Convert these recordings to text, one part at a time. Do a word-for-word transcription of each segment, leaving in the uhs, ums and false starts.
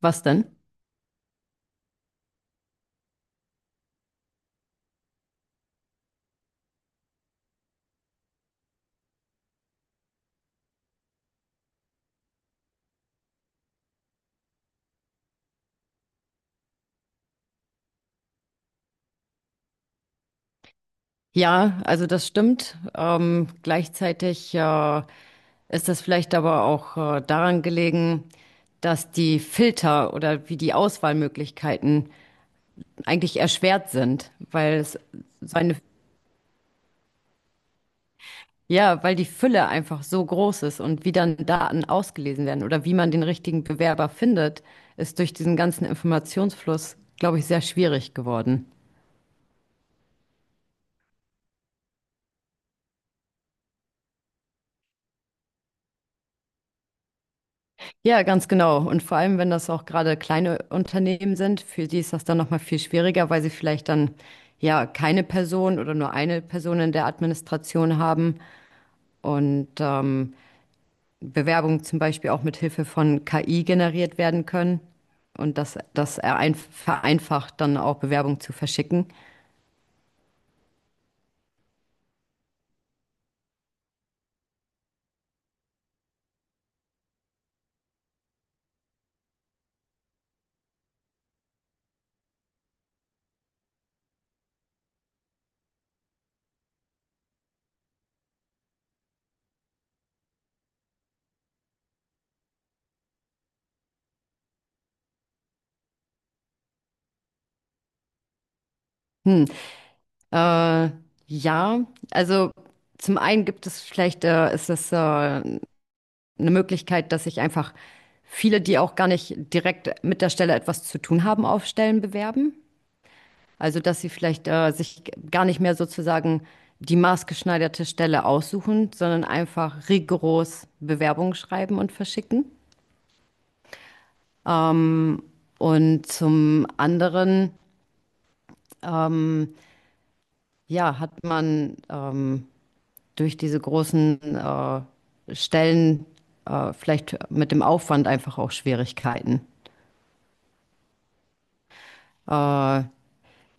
Was denn? Ja, also das stimmt. Ähm, gleichzeitig äh, ist das vielleicht aber auch äh, daran gelegen, dass die Filter oder wie die Auswahlmöglichkeiten eigentlich erschwert sind, weil es seine, ja, weil die Fülle einfach so groß ist und wie dann Daten ausgelesen werden oder wie man den richtigen Bewerber findet, ist durch diesen ganzen Informationsfluss, glaube ich, sehr schwierig geworden. Ja, ganz genau. Und vor allem, wenn das auch gerade kleine Unternehmen sind, für die ist das dann nochmal viel schwieriger, weil sie vielleicht dann ja keine Person oder nur eine Person in der Administration haben und ähm, Bewerbungen zum Beispiel auch mit Hilfe von K I generiert werden können. Und das, das erein- vereinfacht dann auch Bewerbungen zu verschicken. Hm. Äh, ja, also zum einen gibt es vielleicht, äh, ist das äh, eine Möglichkeit, dass sich einfach viele, die auch gar nicht direkt mit der Stelle etwas zu tun haben, auf Stellen bewerben. Also dass sie vielleicht äh, sich gar nicht mehr sozusagen die maßgeschneiderte Stelle aussuchen, sondern einfach rigoros Bewerbungen schreiben und verschicken. Und zum anderen, ja, hat man ähm, durch diese großen äh, Stellen äh, vielleicht mit dem Aufwand einfach auch Schwierigkeiten.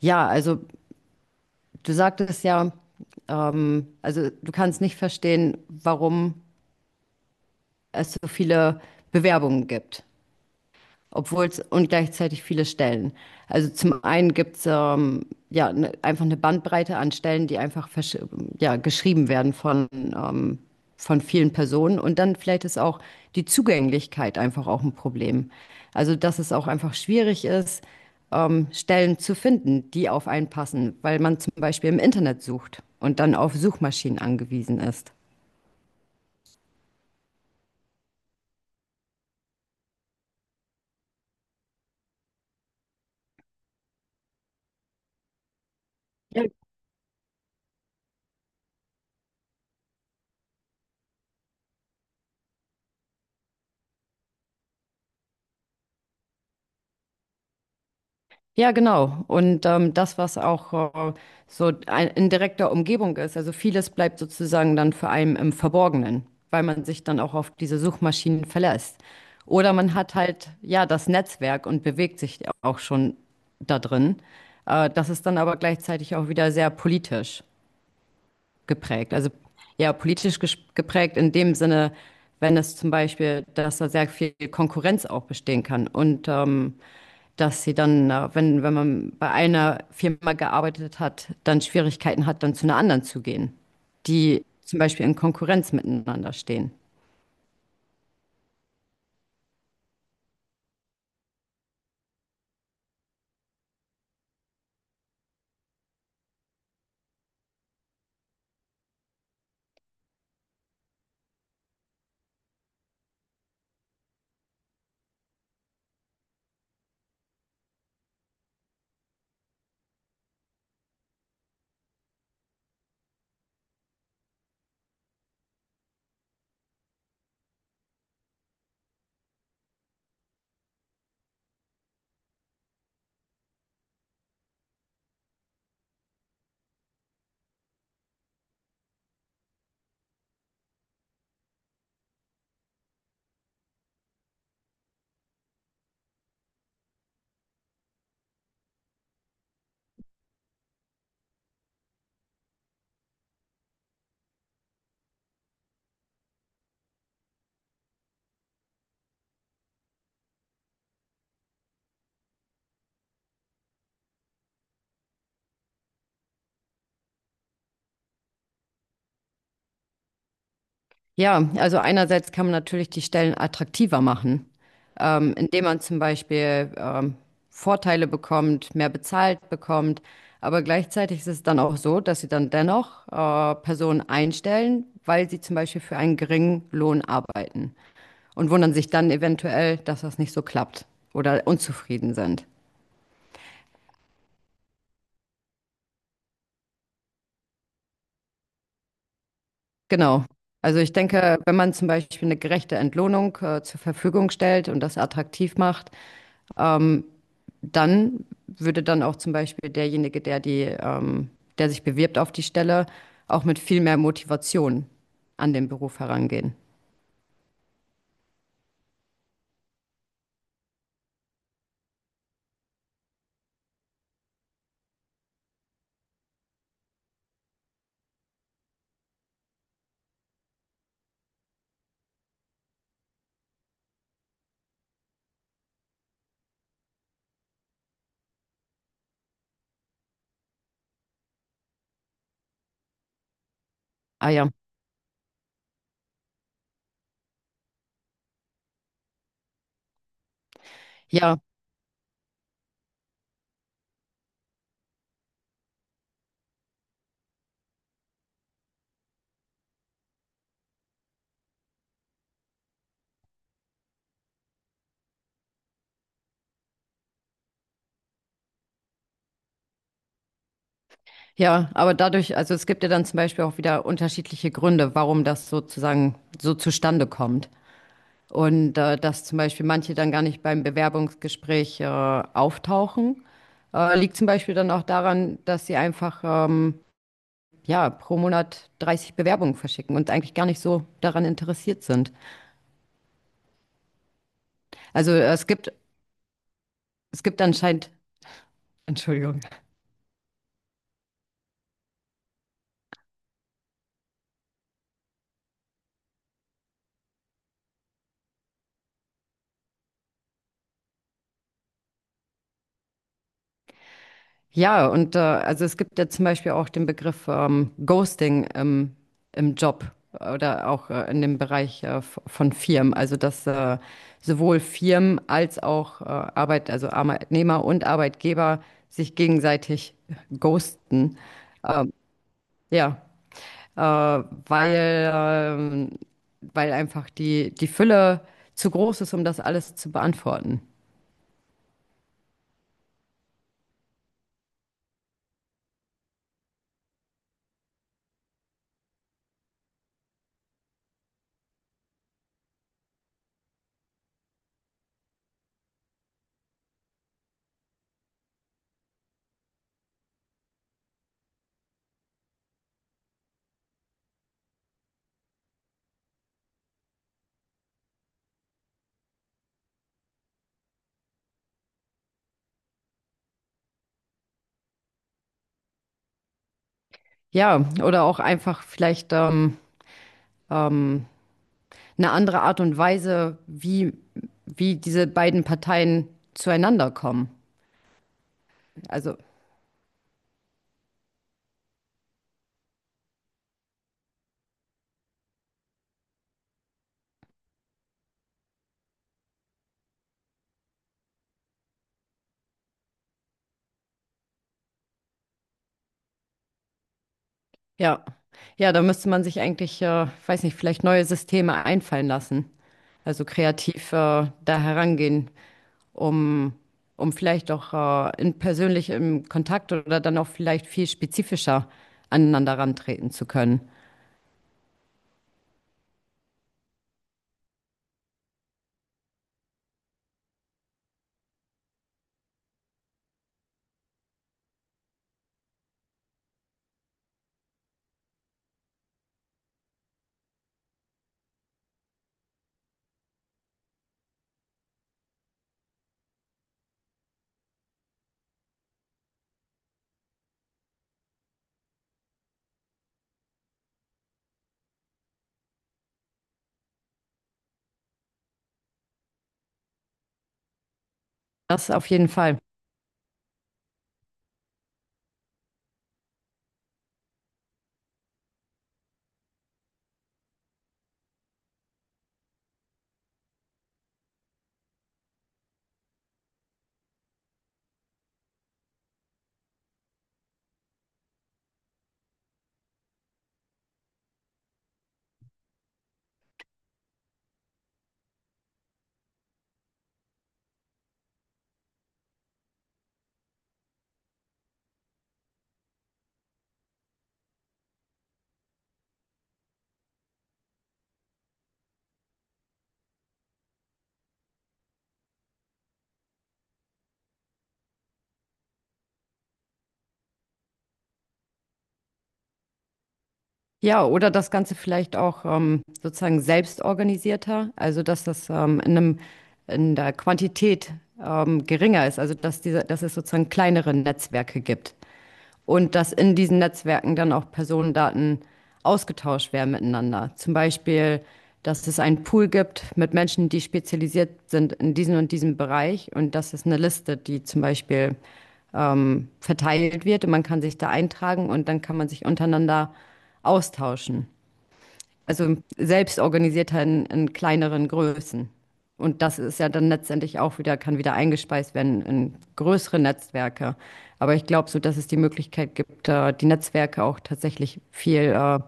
Ja, also du sagtest ja, ähm, also du kannst nicht verstehen, warum es so viele Bewerbungen gibt, obwohl es und gleichzeitig viele Stellen. Also zum einen gibt es ähm, ja ne, einfach eine Bandbreite an Stellen, die einfach versch- ja, geschrieben werden von, ähm, von vielen Personen. Und dann vielleicht ist auch die Zugänglichkeit einfach auch ein Problem. Also dass es auch einfach schwierig ist, ähm, Stellen zu finden, die auf einen passen, weil man zum Beispiel im Internet sucht und dann auf Suchmaschinen angewiesen ist. Ja, genau. Und ähm, das, was auch äh, so ein, in direkter Umgebung ist, also vieles bleibt sozusagen dann für einen im Verborgenen, weil man sich dann auch auf diese Suchmaschinen verlässt. Oder man hat halt, ja, das Netzwerk und bewegt sich auch schon da drin. Äh, das ist dann aber gleichzeitig auch wieder sehr politisch geprägt. Also ja, politisch ges- geprägt in dem Sinne, wenn es zum Beispiel, dass da sehr viel Konkurrenz auch bestehen kann und ähm, dass sie dann, äh, wenn, wenn man bei einer Firma gearbeitet hat, dann Schwierigkeiten hat, dann zu einer anderen zu gehen, die zum Beispiel in Konkurrenz miteinander stehen. Ja, also einerseits kann man natürlich die Stellen attraktiver machen, ähm, indem man zum Beispiel ähm, Vorteile bekommt, mehr bezahlt bekommt. Aber gleichzeitig ist es dann auch so, dass sie dann dennoch äh, Personen einstellen, weil sie zum Beispiel für einen geringen Lohn arbeiten und wundern sich dann eventuell, dass das nicht so klappt oder unzufrieden sind. Genau. Also ich denke, wenn man zum Beispiel eine gerechte Entlohnung äh, zur Verfügung stellt und das attraktiv macht, ähm, dann würde dann auch zum Beispiel derjenige, der die, ähm, der sich bewirbt auf die Stelle, auch mit viel mehr Motivation an den Beruf herangehen. Ah ja, ja, ja, aber dadurch, also es gibt ja dann zum Beispiel auch wieder unterschiedliche Gründe, warum das sozusagen so zustande kommt. Und äh, dass zum Beispiel manche dann gar nicht beim Bewerbungsgespräch äh, auftauchen, äh, liegt zum Beispiel dann auch daran, dass sie einfach ähm, ja, pro Monat dreißig Bewerbungen verschicken und eigentlich gar nicht so daran interessiert sind. Also äh, es gibt, es gibt anscheinend, Entschuldigung. Ja, und äh, also es gibt ja zum Beispiel auch den Begriff ähm, Ghosting im, im Job oder auch äh, in dem Bereich äh, f- von Firmen. Also dass äh, sowohl Firmen als auch äh, Arbeit, also Arbeitnehmer und Arbeitgeber sich gegenseitig ghosten. Ähm, ja, äh, weil ähm, weil einfach die, die Fülle zu groß ist, um das alles zu beantworten. Ja, oder auch einfach vielleicht ähm, ähm, eine andere Art und Weise, wie, wie diese beiden Parteien zueinander kommen. Also, ja. Ja, da müsste man sich eigentlich, äh, weiß nicht, vielleicht neue Systeme einfallen lassen. Also kreativ äh, da herangehen, um, um vielleicht auch äh, in persönlich im Kontakt oder dann auch vielleicht viel spezifischer aneinander rantreten zu können. Das auf jeden Fall. Ja, oder das Ganze vielleicht auch ähm, sozusagen selbst organisierter, also dass das ähm, in einem, in der Quantität ähm, geringer ist, also dass diese, dass es sozusagen kleinere Netzwerke gibt und dass in diesen Netzwerken dann auch Personendaten ausgetauscht werden miteinander. Zum Beispiel, dass es einen Pool gibt mit Menschen, die spezialisiert sind in diesem und diesem Bereich und das ist eine Liste, die zum Beispiel ähm, verteilt wird und man kann sich da eintragen und dann kann man sich untereinander austauschen. Also selbst organisiert in, in kleineren Größen. Und das ist ja dann letztendlich auch wieder, kann wieder eingespeist werden in größere Netzwerke. Aber ich glaube so, dass es die Möglichkeit gibt, äh, die Netzwerke auch tatsächlich viel, äh,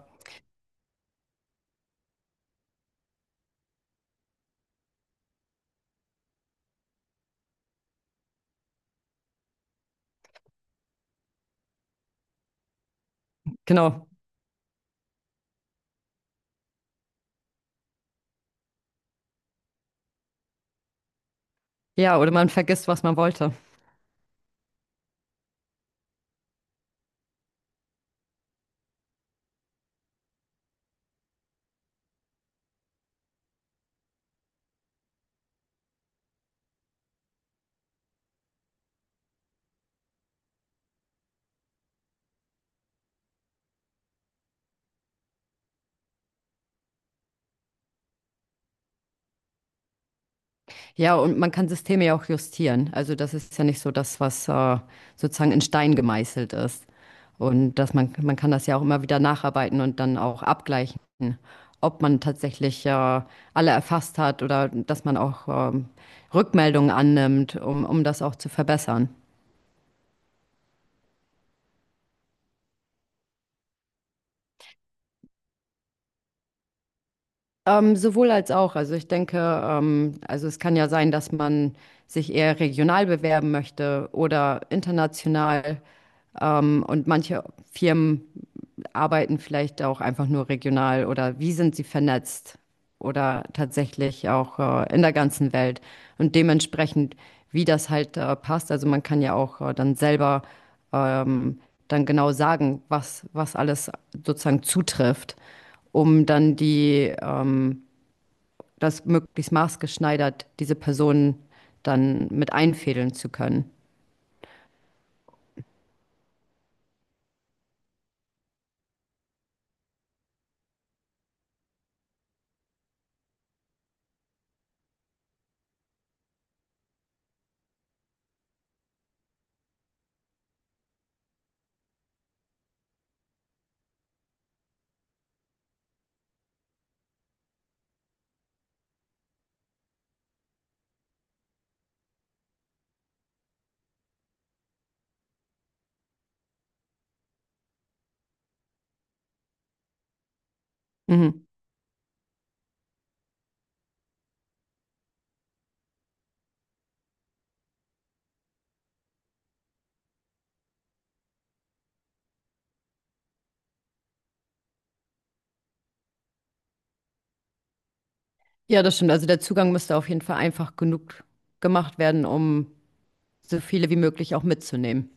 genau, ja, oder man vergisst, was man wollte. Ja, und man kann Systeme ja auch justieren. Also das ist ja nicht so das, was äh, sozusagen in Stein gemeißelt ist. Und dass man, man kann das ja auch immer wieder nacharbeiten und dann auch abgleichen, ob man tatsächlich äh, alle erfasst hat oder dass man auch ähm, Rückmeldungen annimmt, um, um das auch zu verbessern. Ähm, sowohl als auch. Also ich denke, ähm, also es kann ja sein, dass man sich eher regional bewerben möchte oder international. Ähm, und manche Firmen arbeiten vielleicht auch einfach nur regional oder wie sind sie vernetzt oder tatsächlich auch äh, in der ganzen Welt und dementsprechend, wie das halt äh, passt. Also man kann ja auch äh, dann selber ähm, dann genau sagen, was, was alles sozusagen zutrifft, um dann die, ähm, das möglichst maßgeschneidert diese Personen dann mit einfädeln zu können. Mhm. Ja, das stimmt. Also der Zugang müsste auf jeden Fall einfach genug gemacht werden, um so viele wie möglich auch mitzunehmen.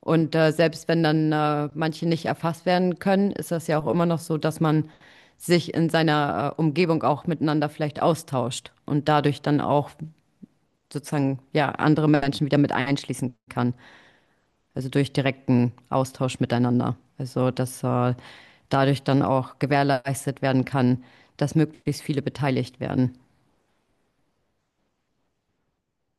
Und äh, selbst wenn dann äh, manche nicht erfasst werden können, ist das ja auch immer noch so, dass man sich in seiner äh, Umgebung auch miteinander vielleicht austauscht und dadurch dann auch sozusagen ja andere Menschen wieder mit einschließen kann. Also durch direkten Austausch miteinander. Also dass äh, dadurch dann auch gewährleistet werden kann, dass möglichst viele beteiligt werden.